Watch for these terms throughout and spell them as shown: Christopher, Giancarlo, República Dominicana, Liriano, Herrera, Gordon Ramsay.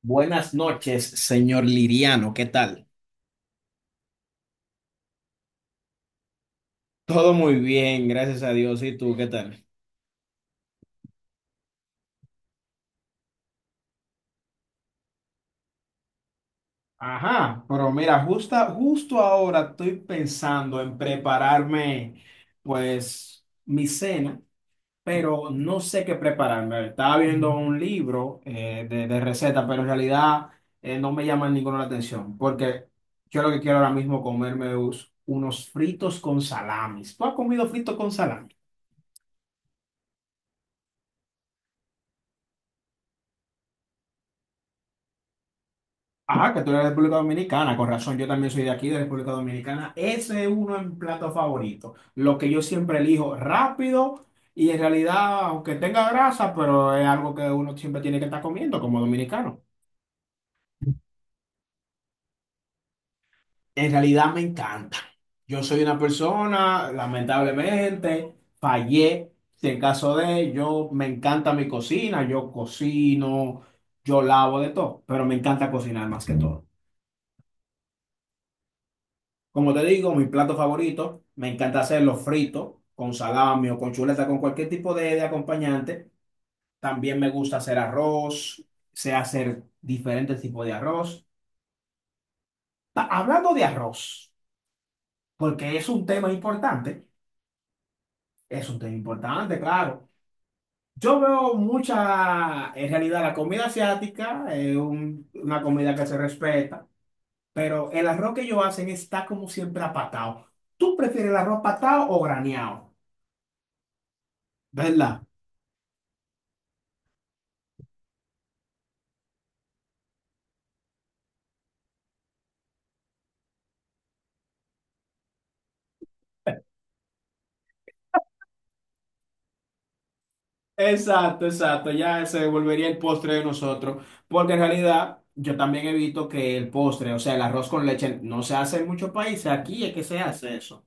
Buenas noches, señor Liriano, ¿qué tal? Todo muy bien, gracias a Dios. ¿Y tú qué tal? Ajá, pero mira, justo ahora estoy pensando en prepararme, pues, mi cena, pero no sé qué prepararme. Estaba viendo un libro de recetas, pero en realidad no me llama ninguna la atención, porque yo lo que quiero ahora mismo comerme es unos fritos con salamis. ¿Tú has comido fritos con salami? Ah, que tú eres de República Dominicana, con razón, yo también soy de aquí, de República Dominicana. Ese es uno en plato favorito. Lo que yo siempre elijo rápido y en realidad, aunque tenga grasa, pero es algo que uno siempre tiene que estar comiendo como dominicano. En realidad me encanta. Yo soy una persona, lamentablemente, fallé. Si en caso de, yo me encanta mi cocina, yo cocino, yo lavo de todo, pero me encanta cocinar más que todo. Como te digo, mi plato favorito, me encanta hacerlo frito, con salami o con chuleta, con cualquier tipo de acompañante. También me gusta hacer arroz, sé hacer diferentes tipos de arroz. Hablando de arroz, porque es un tema importante, es un tema importante, claro. Yo veo mucha, en realidad, la comida asiática es una comida que se respeta, pero el arroz que ellos hacen está como siempre apatado. ¿Tú prefieres el arroz patado o graneado? ¿Verdad? Exacto, exacto, ya se volvería el postre de nosotros, porque en realidad yo también evito que el postre, o sea, el arroz con leche, no se hace en muchos países, aquí es que se hace eso.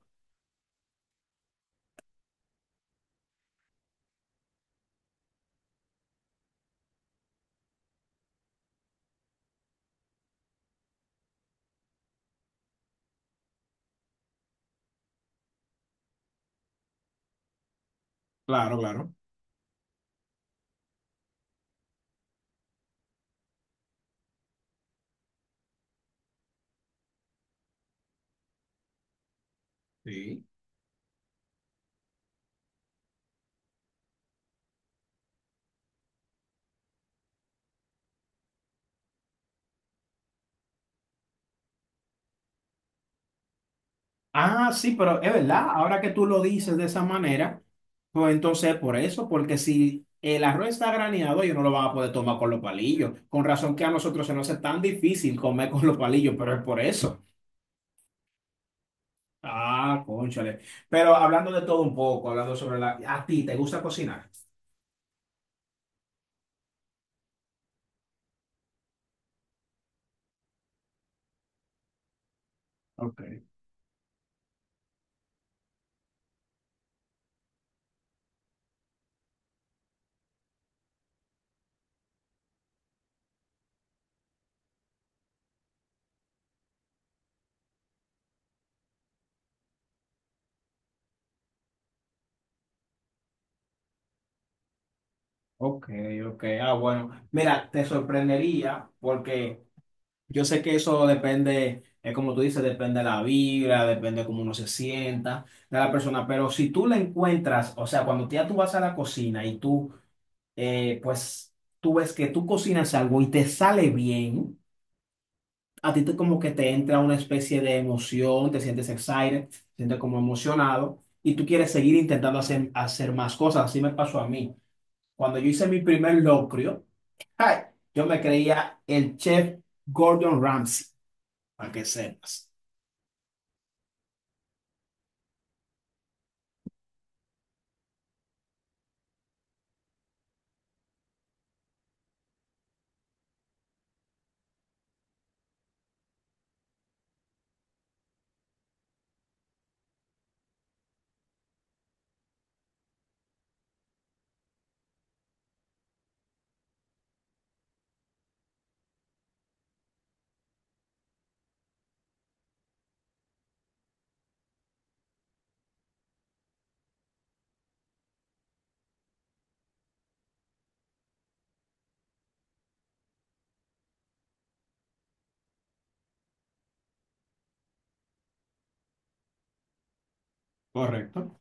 Claro, claro. Sí. Ah, sí, pero es verdad, ahora que tú lo dices de esa manera, pues entonces por eso, porque si el arroz está graneado, ellos no lo van a poder tomar con los palillos, con razón que a nosotros se nos hace tan difícil comer con los palillos, pero es por eso. Ah, cónchale. Pero hablando de todo un poco, hablando sobre la... ¿A ti te gusta cocinar? Ok, ok, ok. Ah, bueno. Mira, te sorprendería porque yo sé que eso depende, es como tú dices, depende de la vibra, depende de cómo uno se sienta, de la persona. Pero si tú la encuentras, o sea, cuando ya tú vas a la cocina y tú, eh, pues, tú ves que tú cocinas algo y te sale bien, a ti te, como que te entra una especie de emoción, te sientes excited, te sientes como emocionado y tú quieres seguir intentando hacer, hacer más cosas. Así me pasó a mí. Cuando yo hice mi primer locrio, ay, yo me creía el chef Gordon Ramsay, para que sepas. Correcto.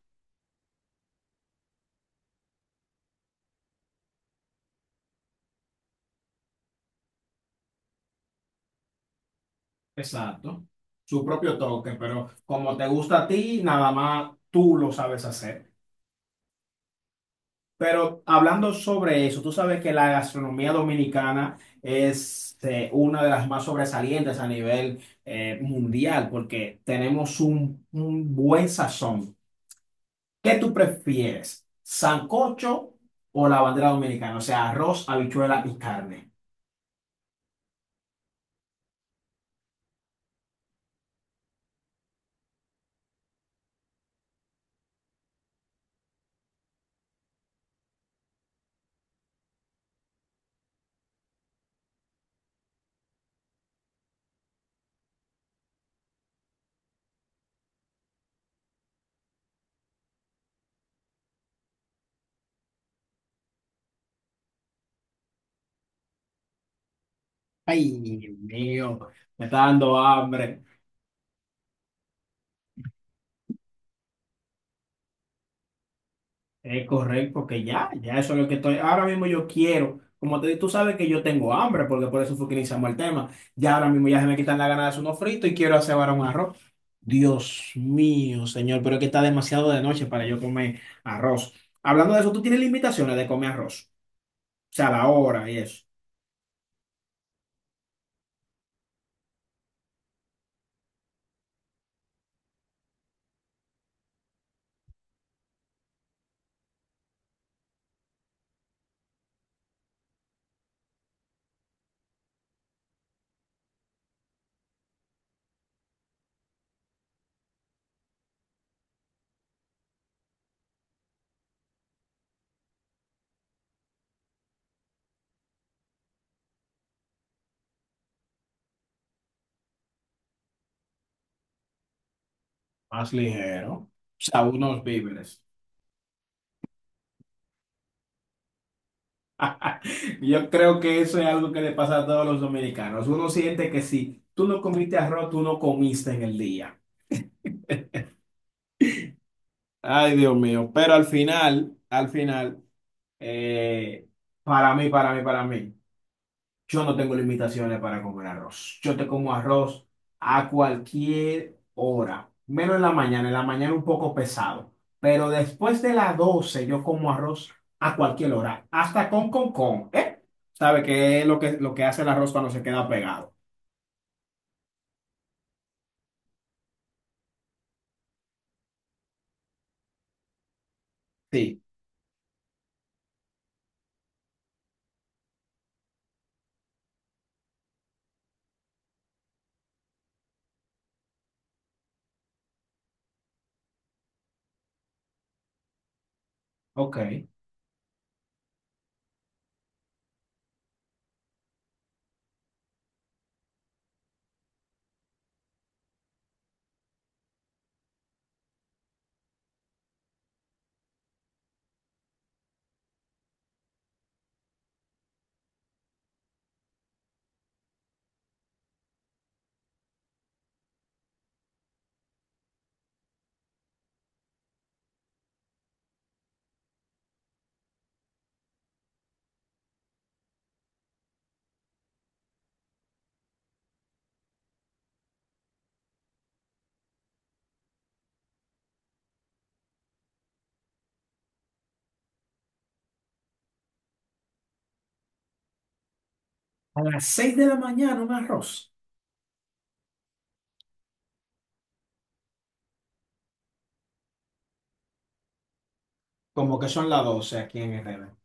Exacto. Su propio toque, pero como te gusta a ti, nada más tú lo sabes hacer. Pero hablando sobre eso, tú sabes que la gastronomía dominicana es una de las más sobresalientes a nivel mundial, porque tenemos un buen sazón. ¿Qué tú prefieres? ¿Sancocho o la bandera dominicana? O sea, arroz, habichuela y carne. Ay, Dios mío, me está dando hambre. Es correcto, que ya, ya eso es lo que estoy. Ahora mismo yo quiero. Como te dije, tú sabes que yo tengo hambre, porque por eso fue que iniciamos el tema. Ya ahora mismo ya se me quitan las ganas de hacer unos fritos y quiero hacer ahora un arroz. Dios mío, señor, pero es que está demasiado de noche para yo comer arroz. Hablando de eso, ¿tú tienes limitaciones de comer arroz? O sea, la hora y eso. Más ligero. O sea, unos víveres. Yo creo que eso es algo que le pasa a todos los dominicanos. Uno siente que si tú no comiste arroz, tú no comiste en el día. Ay, Dios mío. Pero al final, eh, para mí, para mí, para mí, yo no tengo limitaciones para comer arroz. Yo te como arroz a cualquier hora, menos en la mañana. En la mañana un poco pesado. Pero después de las 12 yo como arroz a cualquier hora, hasta con, ¿eh? ¿Sabe qué es lo que hace el arroz cuando se queda pegado? Sí. Ok. A las 6 de la mañana un arroz. Como que son las 12 aquí en Herrera.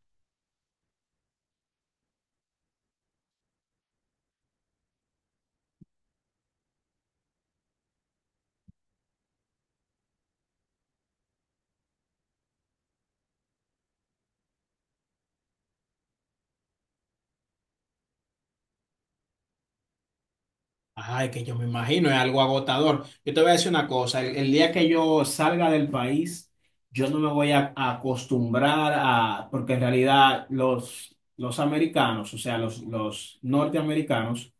Ay, que yo me imagino, es algo agotador. Yo te voy a decir una cosa, el día que yo salga del país, yo no me voy a acostumbrar a, porque en realidad los americanos, o sea, los norteamericanos,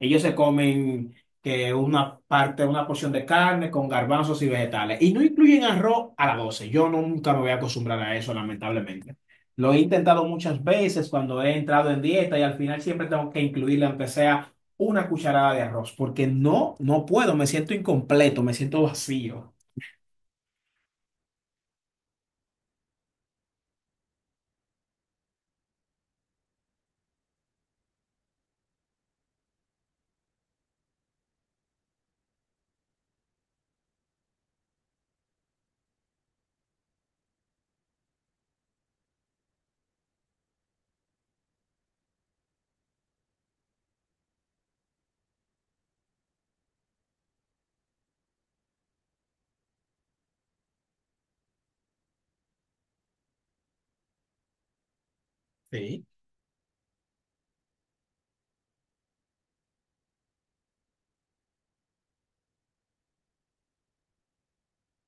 ellos se comen que una parte, una porción de carne con garbanzos y vegetales. Y no incluyen arroz a las 12. Yo no- Nunca me voy a acostumbrar a eso, lamentablemente. Lo he intentado muchas veces cuando he entrado en dieta y al final siempre tengo que incluirle, aunque sea una cucharada de arroz, porque no, no puedo, me siento incompleto, me siento vacío. Sí.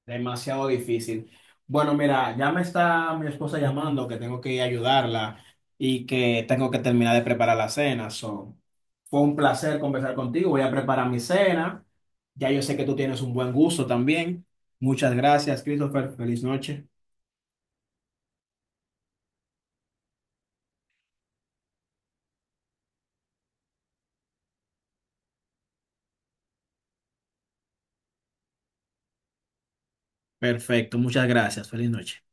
Demasiado difícil. Bueno, mira, ya me está mi esposa llamando que tengo que ir a ayudarla y que tengo que terminar de preparar la cena. So, fue un placer conversar contigo. Voy a preparar mi cena. Ya yo sé que tú tienes un buen gusto también. Muchas gracias, Christopher. Feliz noche. Perfecto, muchas gracias. Feliz noche.